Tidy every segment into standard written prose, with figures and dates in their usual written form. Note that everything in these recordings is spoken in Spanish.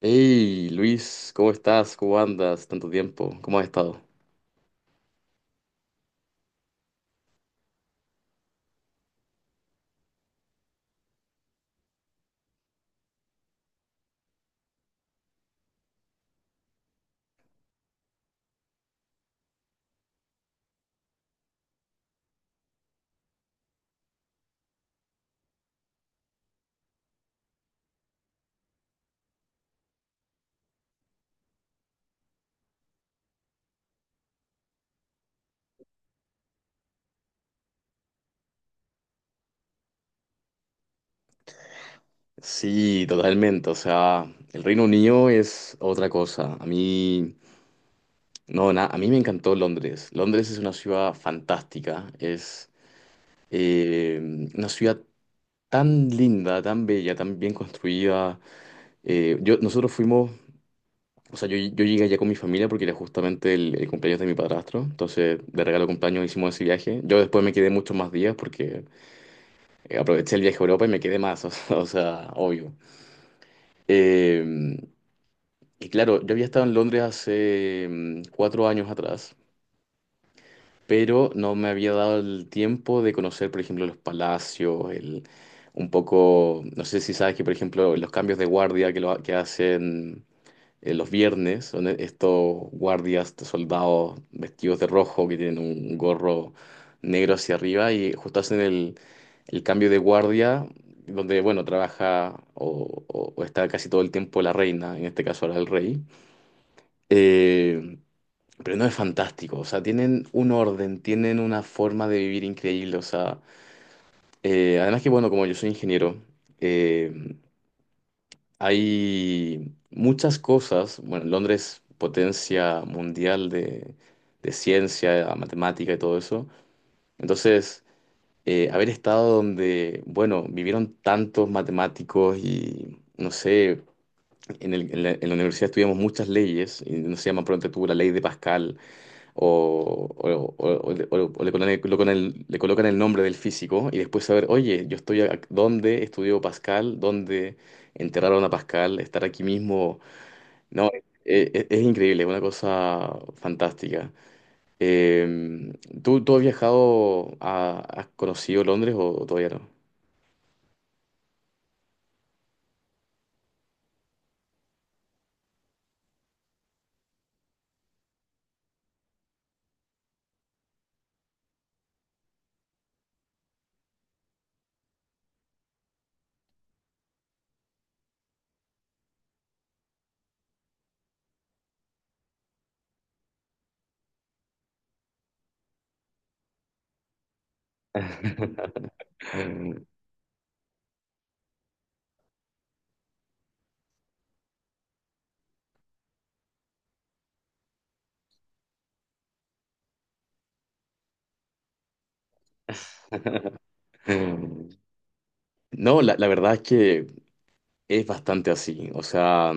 Hey Luis, ¿cómo estás? ¿Cómo andas? Tanto tiempo, ¿cómo has estado? Sí, totalmente. O sea, el Reino Unido es otra cosa. A mí, no, a mí me encantó Londres. Londres es una ciudad fantástica. Es eh, una ciudad tan linda, tan bella, tan bien construida. Nosotros fuimos, o sea, yo llegué allá con mi familia porque era justamente el cumpleaños de mi padrastro. Entonces, de regalo de cumpleaños hicimos ese viaje. Yo después me quedé muchos más días porque aproveché el viaje a Europa y me quedé más, o sea, obvio. Eh, y claro, yo había estado en Londres hace cuatro años atrás, pero no me había dado el tiempo de conocer, por ejemplo, los palacios, un poco, no sé si sabes que, por ejemplo, los cambios de guardia que hacen los viernes son estos guardias, estos soldados vestidos de rojo que tienen un gorro negro hacia arriba y justo hacen el cambio de guardia donde, bueno, trabaja o está casi todo el tiempo la reina, en este caso ahora el rey. Eh, pero no es fantástico, o sea, tienen un orden, tienen una forma de vivir increíble. O sea, además que, bueno, como yo soy ingeniero, eh, hay muchas cosas. Bueno, Londres, potencia mundial de ciencia, matemática y todo eso. Entonces, haber estado donde, bueno, vivieron tantos matemáticos y, no sé, en la universidad estudiamos muchas leyes, y no se llama pronto tú la ley de Pascal le colocan el nombre del físico y después saber, oye, yo estoy dónde estudió Pascal, dónde enterraron a Pascal, estar aquí mismo no, es increíble, es una cosa fantástica. Eh, ¿tú has viajado, has conocido Londres o todavía no? No, la verdad es que es bastante así. O sea,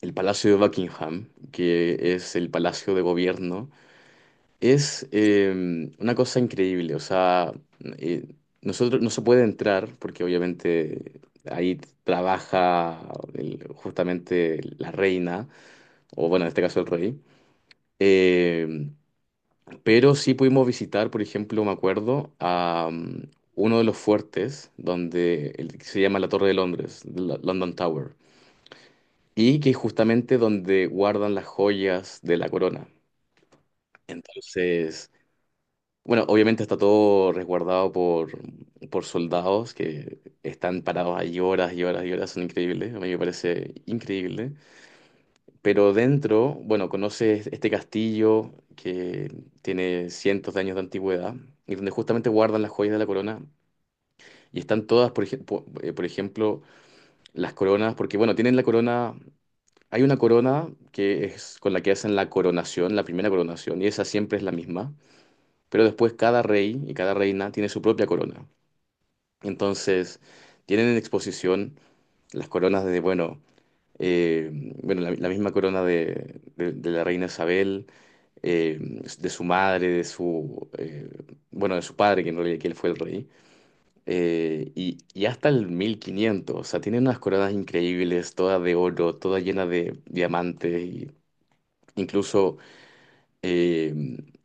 el Palacio de Buckingham, que es el palacio de gobierno, es una cosa increíble. O sea, eh, nosotros no se puede entrar porque obviamente ahí trabaja justamente la reina. O bueno, en este caso el rey. Eh, pero sí pudimos visitar, por ejemplo, me acuerdo, uno de los fuertes, donde el que se llama la Torre de Londres, London Tower, y que es justamente donde guardan las joyas de la corona. Entonces, bueno, obviamente está todo resguardado por soldados que están parados ahí horas y horas y horas, son increíbles, a mí me parece increíble. Pero dentro, bueno, conoces este castillo que tiene cientos de años de antigüedad y donde justamente guardan las joyas de la corona. Y están todas, por ejemplo, las coronas, porque bueno, tienen la corona, hay una corona que es con la que hacen la coronación, la primera coronación, y esa siempre es la misma. Pero después cada rey y cada reina tiene su propia corona. Entonces, tienen en exposición las coronas de, eh, bueno, la misma corona de la reina Isabel, de su madre, bueno, de su padre, que en realidad que él fue el rey, y hasta el mil quinientos, o sea, tiene unas coronas increíbles, todas de oro, todas llenas de diamantes, y incluso eh,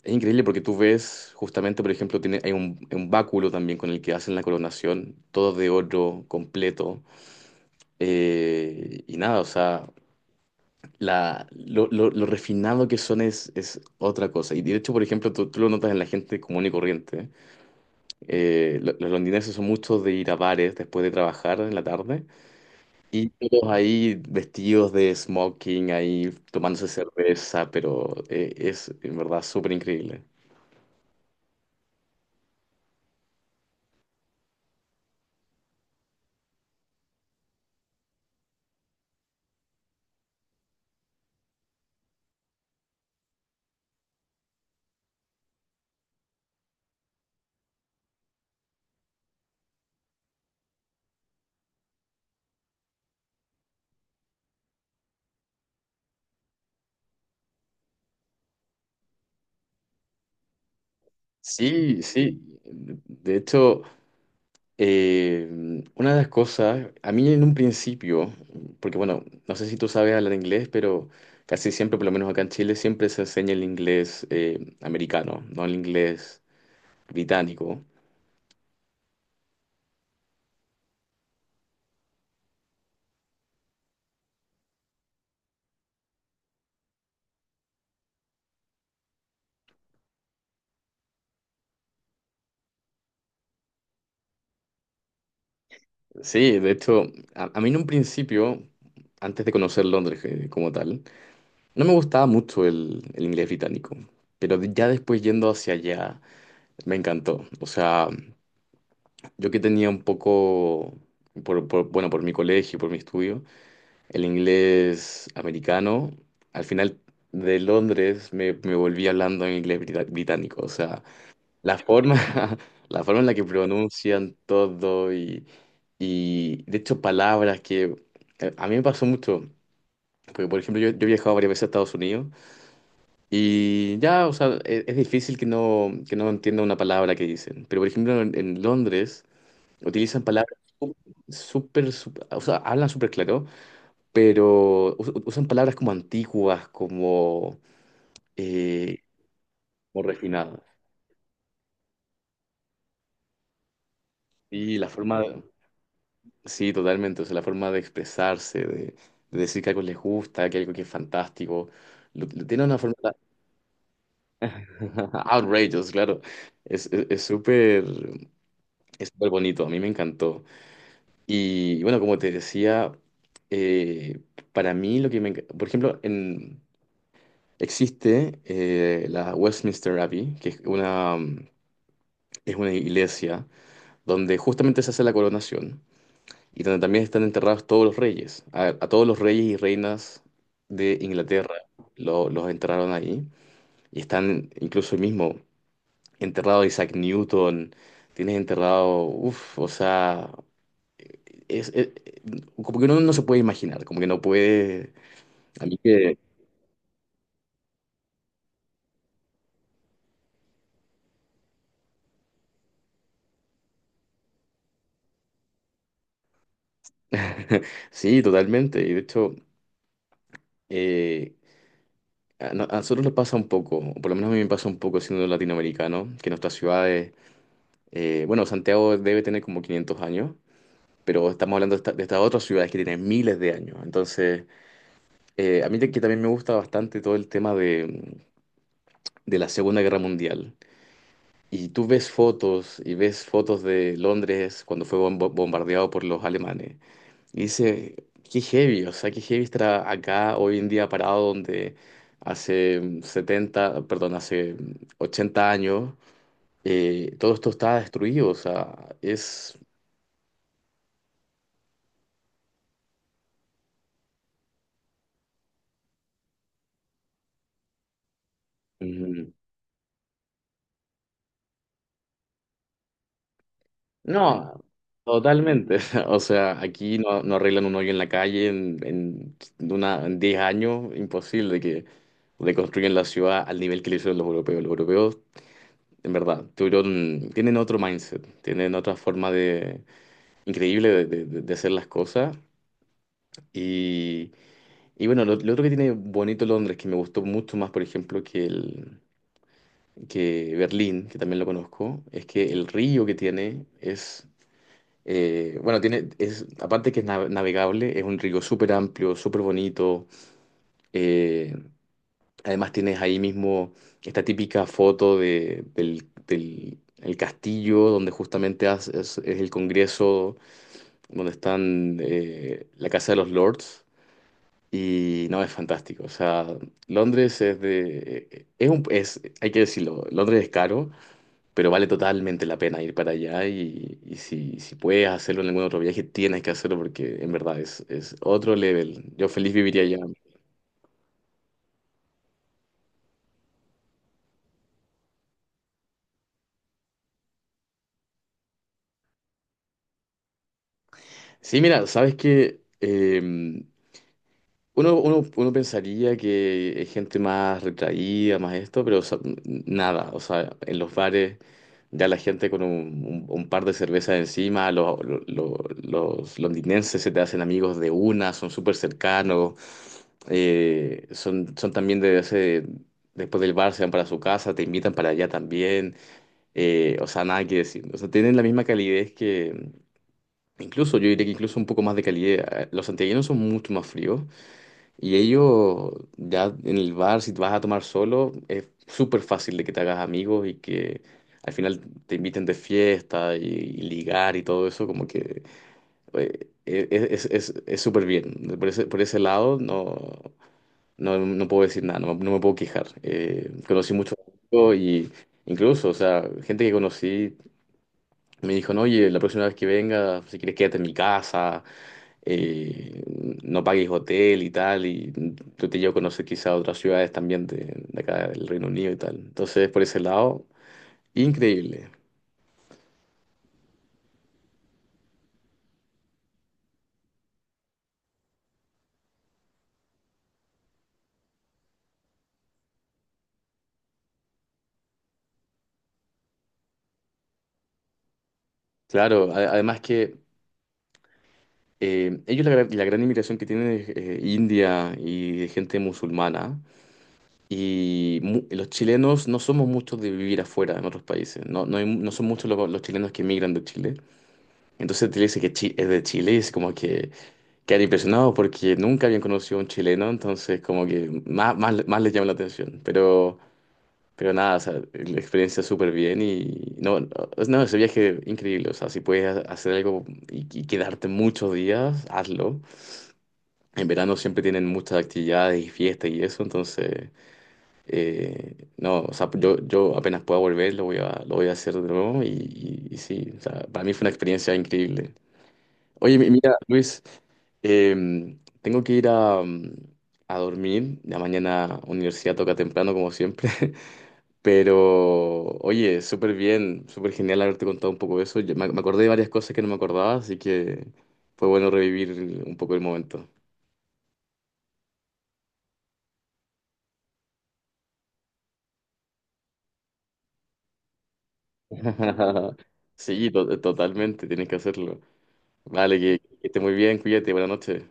es increíble porque tú ves, justamente, por ejemplo, hay un báculo también con el que hacen la coronación, todo de oro completo, y nada, o sea... Lo refinado que son es otra cosa. Y de hecho, por ejemplo, tú lo notas en la gente común y corriente. Los londinenses son muchos de ir a bares después de trabajar en la tarde. Y todos ahí vestidos de smoking, ahí tomándose cerveza, pero es en verdad súper increíble. Sí, sí. De hecho, Eh, una de las cosas, a mí en un principio, porque bueno, no sé si tú sabes hablar inglés, pero casi siempre, por lo menos acá en Chile, siempre se enseña el inglés americano, no el inglés británico. Sí, de hecho, a mí en un principio, antes de conocer Londres como tal, no me gustaba mucho el inglés británico, pero ya después yendo hacia allá, me encantó. O sea, yo que tenía un poco, por, bueno, por mi colegio, por mi estudio. El inglés americano, al final de Londres me volví hablando en inglés británico. O sea, la forma, la forma en la que pronuncian todo y, de hecho palabras que a mí me pasó mucho. Porque, por ejemplo, yo he viajado varias veces a Estados Unidos y ya, o sea, es difícil que no entienda una palabra que dicen. Pero, por ejemplo, en Londres utilizan palabras súper, súper, o sea, hablan súper claro pero usan palabras como antiguas, eh, como refinadas. Y la forma, sí, totalmente, o sea, la forma de expresarse, de decir que algo les gusta, que algo que es fantástico, lo tiene una forma outrageous, claro. Es, es, es súper, es súper bonito, a mí me encantó. Y bueno, como te decía, eh, para mí lo que me... Por ejemplo, en... Existe la Westminster Abbey, que es una, es una iglesia donde justamente se hace la coronación y donde también están enterrados todos los reyes. A todos los reyes y reinas de Inglaterra los enterraron ahí y están incluso el mismo enterrado Isaac Newton, tienes enterrado, uff, o sea, es, es- como que uno no se puede imaginar, como que no puede... A mí que... Sí, totalmente. Y de hecho, eh, a, no- a nosotros nos pasa un poco, o por lo menos a mí me pasa un poco siendo latinoamericano, que nuestras ciudades... Bueno, Santiago debe tener como 500 años, pero estamos hablando de, de estas otras ciudades que tienen miles de años. Entonces, a mí que también me gusta bastante todo el tema de la Segunda Guerra Mundial. Y tú ves fotos y ves fotos de Londres cuando fue bombardeado por los alemanes. Y dices, qué heavy, o sea, qué heavy estar acá hoy en día parado donde hace 70, perdón, hace 80 años, todo esto está destruido. O sea, es... No, totalmente. O sea, aquí no, no arreglan un hoyo en la calle en 10 años. Imposible que reconstruyan la ciudad al nivel que lo hicieron los europeos. Los europeos, en verdad, tuvieron, tienen otro mindset, tienen otra forma de, increíble de hacer las cosas. Y, y bueno, lo otro que tiene bonito Londres, que me gustó mucho más, por ejemplo, que Berlín, que también lo conozco, es que el río que tiene es... Bueno, aparte que es navegable, es un río súper amplio, súper bonito. Eh, Además tienes ahí mismo esta típica foto de, del, del- el castillo, donde justamente es el Congreso, donde están la Casa de los Lords. Y no, es fantástico. O sea, Londres es... hay que decirlo, Londres es caro, pero vale totalmente la pena ir para allá y, si puedes hacerlo en algún otro viaje, tienes que hacerlo porque en verdad es otro level. Yo feliz viviría allá. Sí, mira, sabes que uno pensaría que es gente más retraída, más esto, pero o sea, nada. O sea, en los bares ya la gente con un par de cervezas encima, los, los londinenses se te hacen amigos de una, son súper cercanos, son también de ese, después del bar se van para su casa, te invitan para allá también. O sea, nada que decir. O sea, tienen la misma calidez que, incluso yo diría que incluso un poco más de calidez. Los santiaguinos son mucho más fríos. Y ellos, ya en el bar, si vas a tomar solo, es súper fácil de que te hagas amigos y que al final te inviten de fiesta y, ligar y todo eso, como que es súper bien. Por ese lado, no, no, no puedo decir nada, no me puedo quejar. Conocí mucho y incluso, o sea, gente que conocí. Me dijo, no, oye, la próxima vez que venga, si quieres quédate en mi casa, eh, no pagues hotel y tal, y yo te llevo a conocer quizá otras ciudades también de acá del Reino Unido y tal. Entonces, por ese lado, increíble. Claro, además que ellos la gran inmigración que tienen es India y de gente musulmana, y los chilenos no somos muchos de vivir afuera en otros países, no, no son muchos los chilenos que emigran de Chile. Entonces te dice que es de Chile y es como que... Quedé impresionado porque nunca habían conocido a un chileno, entonces como que más, más les llama la atención. Pero, nada, o sea, la experiencia súper bien y no, no, no, ese viaje increíble. O sea, si puedes hacer algo y, quedarte muchos días, hazlo. En verano siempre tienen muchas actividades y fiestas y eso, entonces no, o sea, yo, apenas pueda volver lo voy a hacer de nuevo y, y sí, o sea, para mí fue una experiencia increíble. Oye, mira, Luis, tengo que ir a dormir. La mañana universidad toca temprano, como siempre. Pero, oye, súper bien, súper genial haberte contado un poco de eso. Yo me acordé de varias cosas que no me acordaba, así que fue bueno revivir un poco el momento. Sí, totalmente, tienes que hacerlo. Vale, que esté muy bien, cuídate, buenas noches.